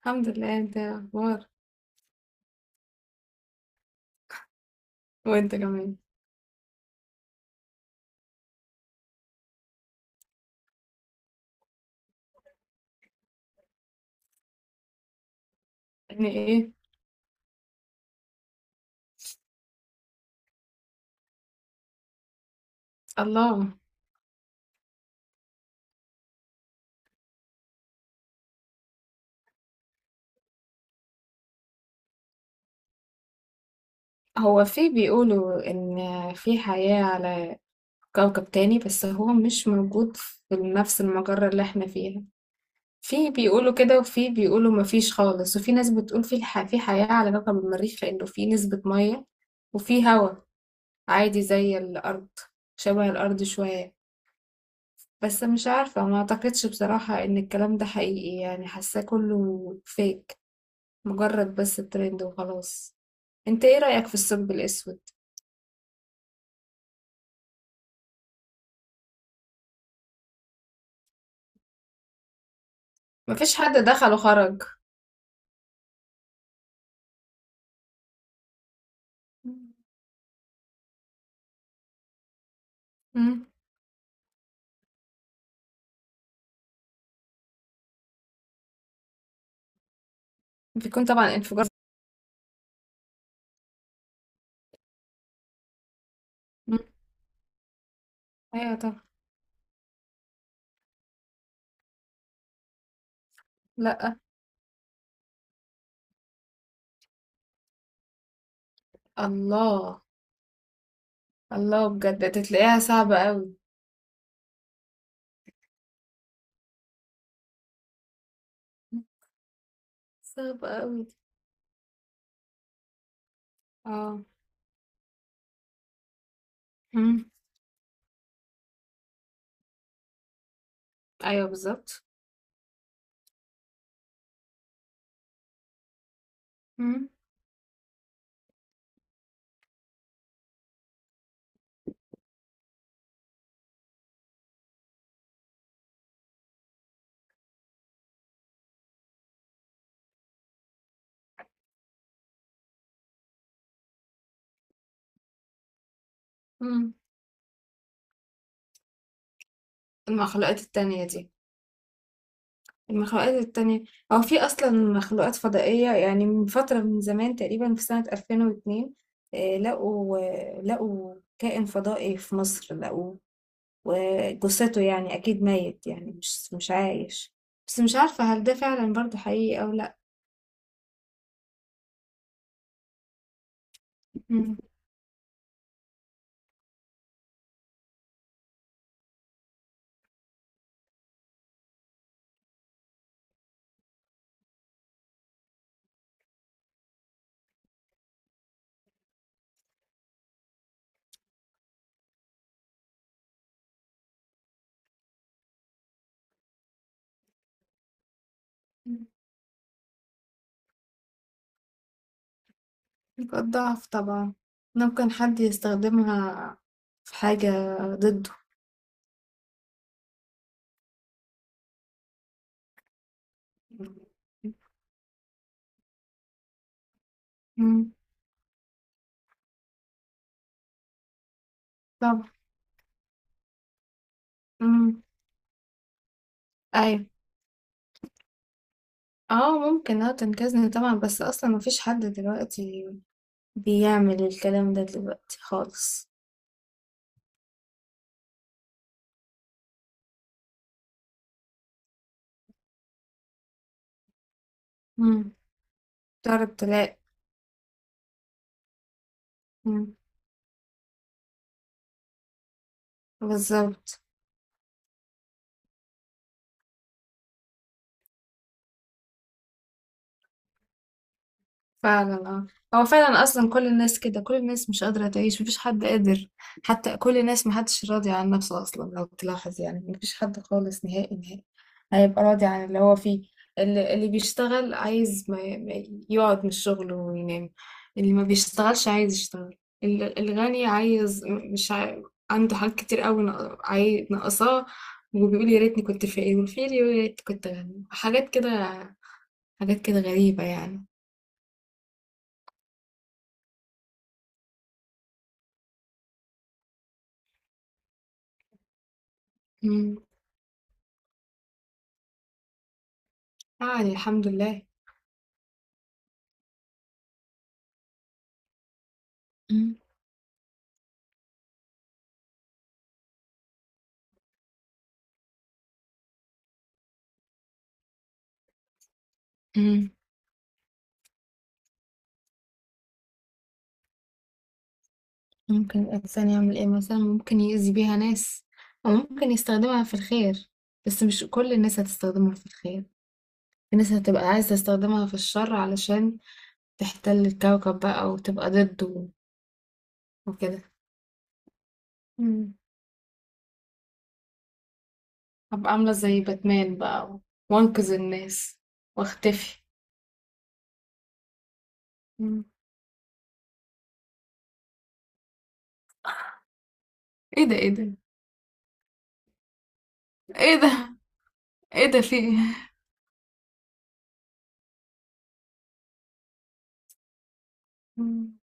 الحمد لله. انت ايه الاخبار؟ وانت كمان. يعني ايه؟ الله. هو في بيقولوا ان في حياة على كوكب تاني، بس هو مش موجود في نفس المجرة اللي احنا فيها. في بيقولوا كده وفي بيقولوا مفيش خالص، وفي ناس بتقول في حياة على كوكب المريخ، لانه في نسبة مية وفي هوا عادي زي الارض، شبه الارض شوية. بس مش عارفة، ما اعتقدش بصراحة ان الكلام ده حقيقي، يعني حاساه كله فيك، مجرد بس ترند وخلاص. انت ايه رأيك في الثقب الأسود؟ مفيش حد دخل وخرج. مم. بيكون طبعا انفجار. مم. ايوه طبعا. لا. الله. الله بجد، تلاقيها صعبة قوي. صعبة قوي دي. اه. مم. ايوه بالظبط. مم. مم. المخلوقات التانية دي، المخلوقات التانية، هو في أصلا مخلوقات فضائية يعني من فترة، من زمان، تقريبا في سنة 2002 آه، لقوا آه، لقوا كائن فضائي في مصر، لقوا وجثته، يعني أكيد ميت، يعني مش عايش. بس مش عارفة هل ده فعلا برضه حقيقي أو لأ. مم. نقاط ضعف طبعا، ممكن حد يستخدمها في حاجة ضده. مم. طبعا. مم. أيوة. اه ممكن، اه تنقذني طبعا، بس اصلا مفيش حد دلوقتي بيعمل الكلام ده دلوقتي خالص. مم. تعرف تلاقي. مم. بالظبط. فعلا اه. هو فعلا اصلا كل الناس كده، كل الناس مش قادره تعيش، مفيش حد قادر. حتى كل الناس محدش راضي عن نفسه اصلا لو تلاحظ، يعني مفيش حد خالص نهائي نهائي هيبقى راضي عن اللي هو فيه. اللي بيشتغل عايز ما ما يقعد من الشغل وينام، اللي ما بيشتغلش عايز يشتغل. الغني عايز، مش عاي... عنده حاجات كتير قوي، ناقصاه، وبيقول يا ريتني كنت فقير، والفقير يقول يا ريت كنت غني. حاجات كده، حاجات كده غريبة يعني. مم. يعني الحمد لله. مم. مم. ممكن الإنسان يعمل إيه مثلا؟ ممكن يأذي بيها ناس، أو ممكن يستخدمها في الخير، بس مش كل الناس هتستخدمها في الخير. في ناس هتبقى عايزة تستخدمها في الشر علشان تحتل الكوكب بقى وتبقى ضده وكده. مم. هبقى عاملة زي باتمان بقى وانقذ الناس واختفي. مم. ايه ده، ايه ده، ايه ده، ايه ده، في إيه؟ مم.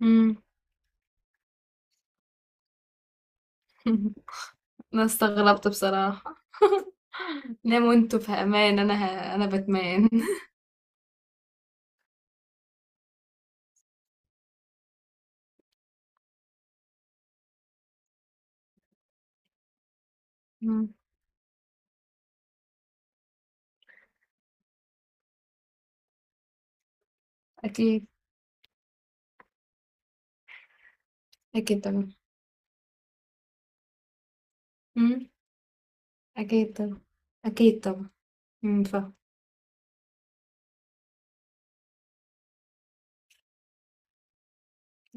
مم. أنا استغربت بصراحة. ناموا انتوا في أمان، أنا بتمان. مم. أكيد. أكيد طبعا. مم. أكيد طبعا. أكيد طبعا. مم، فاهم.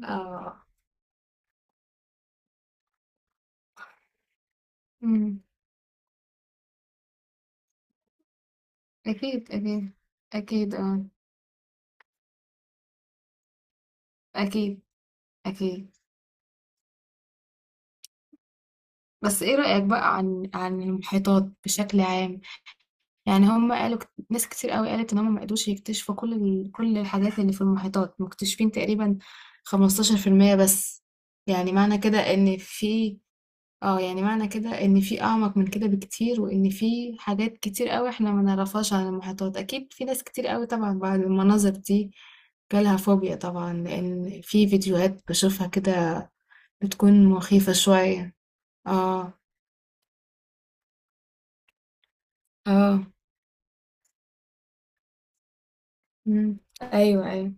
آه. مم. أكيد. أكيد. أكيد آه. أكيد. أكيد. بس إيه رأيك بقى عن المحيطات بشكل عام؟ يعني هم قالوا ناس كتير قوي قالت إن هم ما قدروش يكتشفوا كل الحاجات اللي في المحيطات، مكتشفين تقريبا 15% بس. يعني معنى كده إن في، اه يعني معنى كده ان في اعمق من كده بكتير، وان في حاجات كتير قوي احنا ما نعرفهاش عن المحيطات. اكيد في ناس كتير قوي طبعا بعد المناظر دي جالها فوبيا، طبعا لان في فيديوهات بشوفها كده بتكون مخيفة شوية. اه. اه. مم. ايوه ايوه.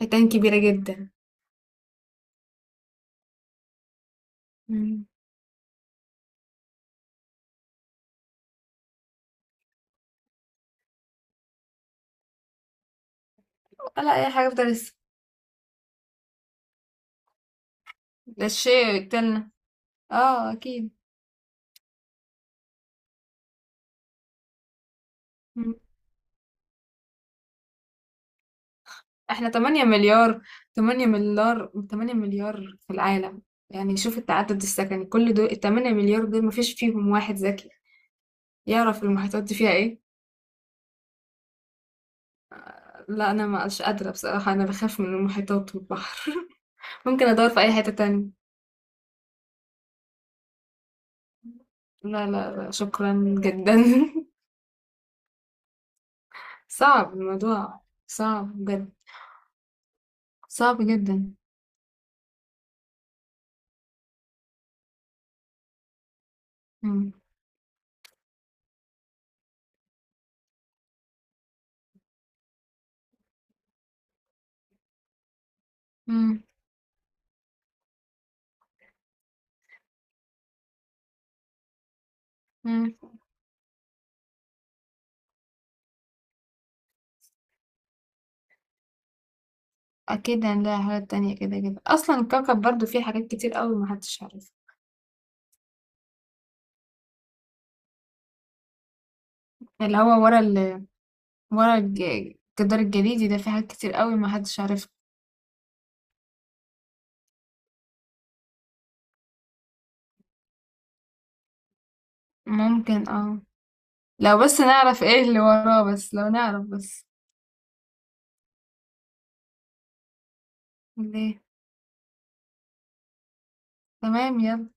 حيتان كبيرة جدا. مم. ولا اي حاجة في ده لسه. ده الشيء يقتلنا. اه اكيد. احنا 8 مليار، 8 مليار، 8 مليار في العالم، يعني شوف التعدد السكني. كل دول ال 8 مليار دول مفيش فيهم واحد ذكي يعرف المحيطات دي فيها ايه؟ لا انا ما مش قادرة بصراحة، انا بخاف من المحيطات والبحر. ممكن ادور في اي حتة تانية. لا لا لا، شكرا جدا. صعب الموضوع، صعب بجد، صعب جدا. مم. مم. مم. اكيد هنلاقي حاجات تانية، كده كده اصلا الكوكب برضو فيه حاجات كتير قوي محدش عارفها. اللي هو ورا ال، ورا الج- الجدار الجليدي ده في حاجات كتير قوي ما حدش عارفها. ممكن اه، لو بس نعرف ايه اللي وراه، بس لو نعرف بس. ليه؟ تمام يلا.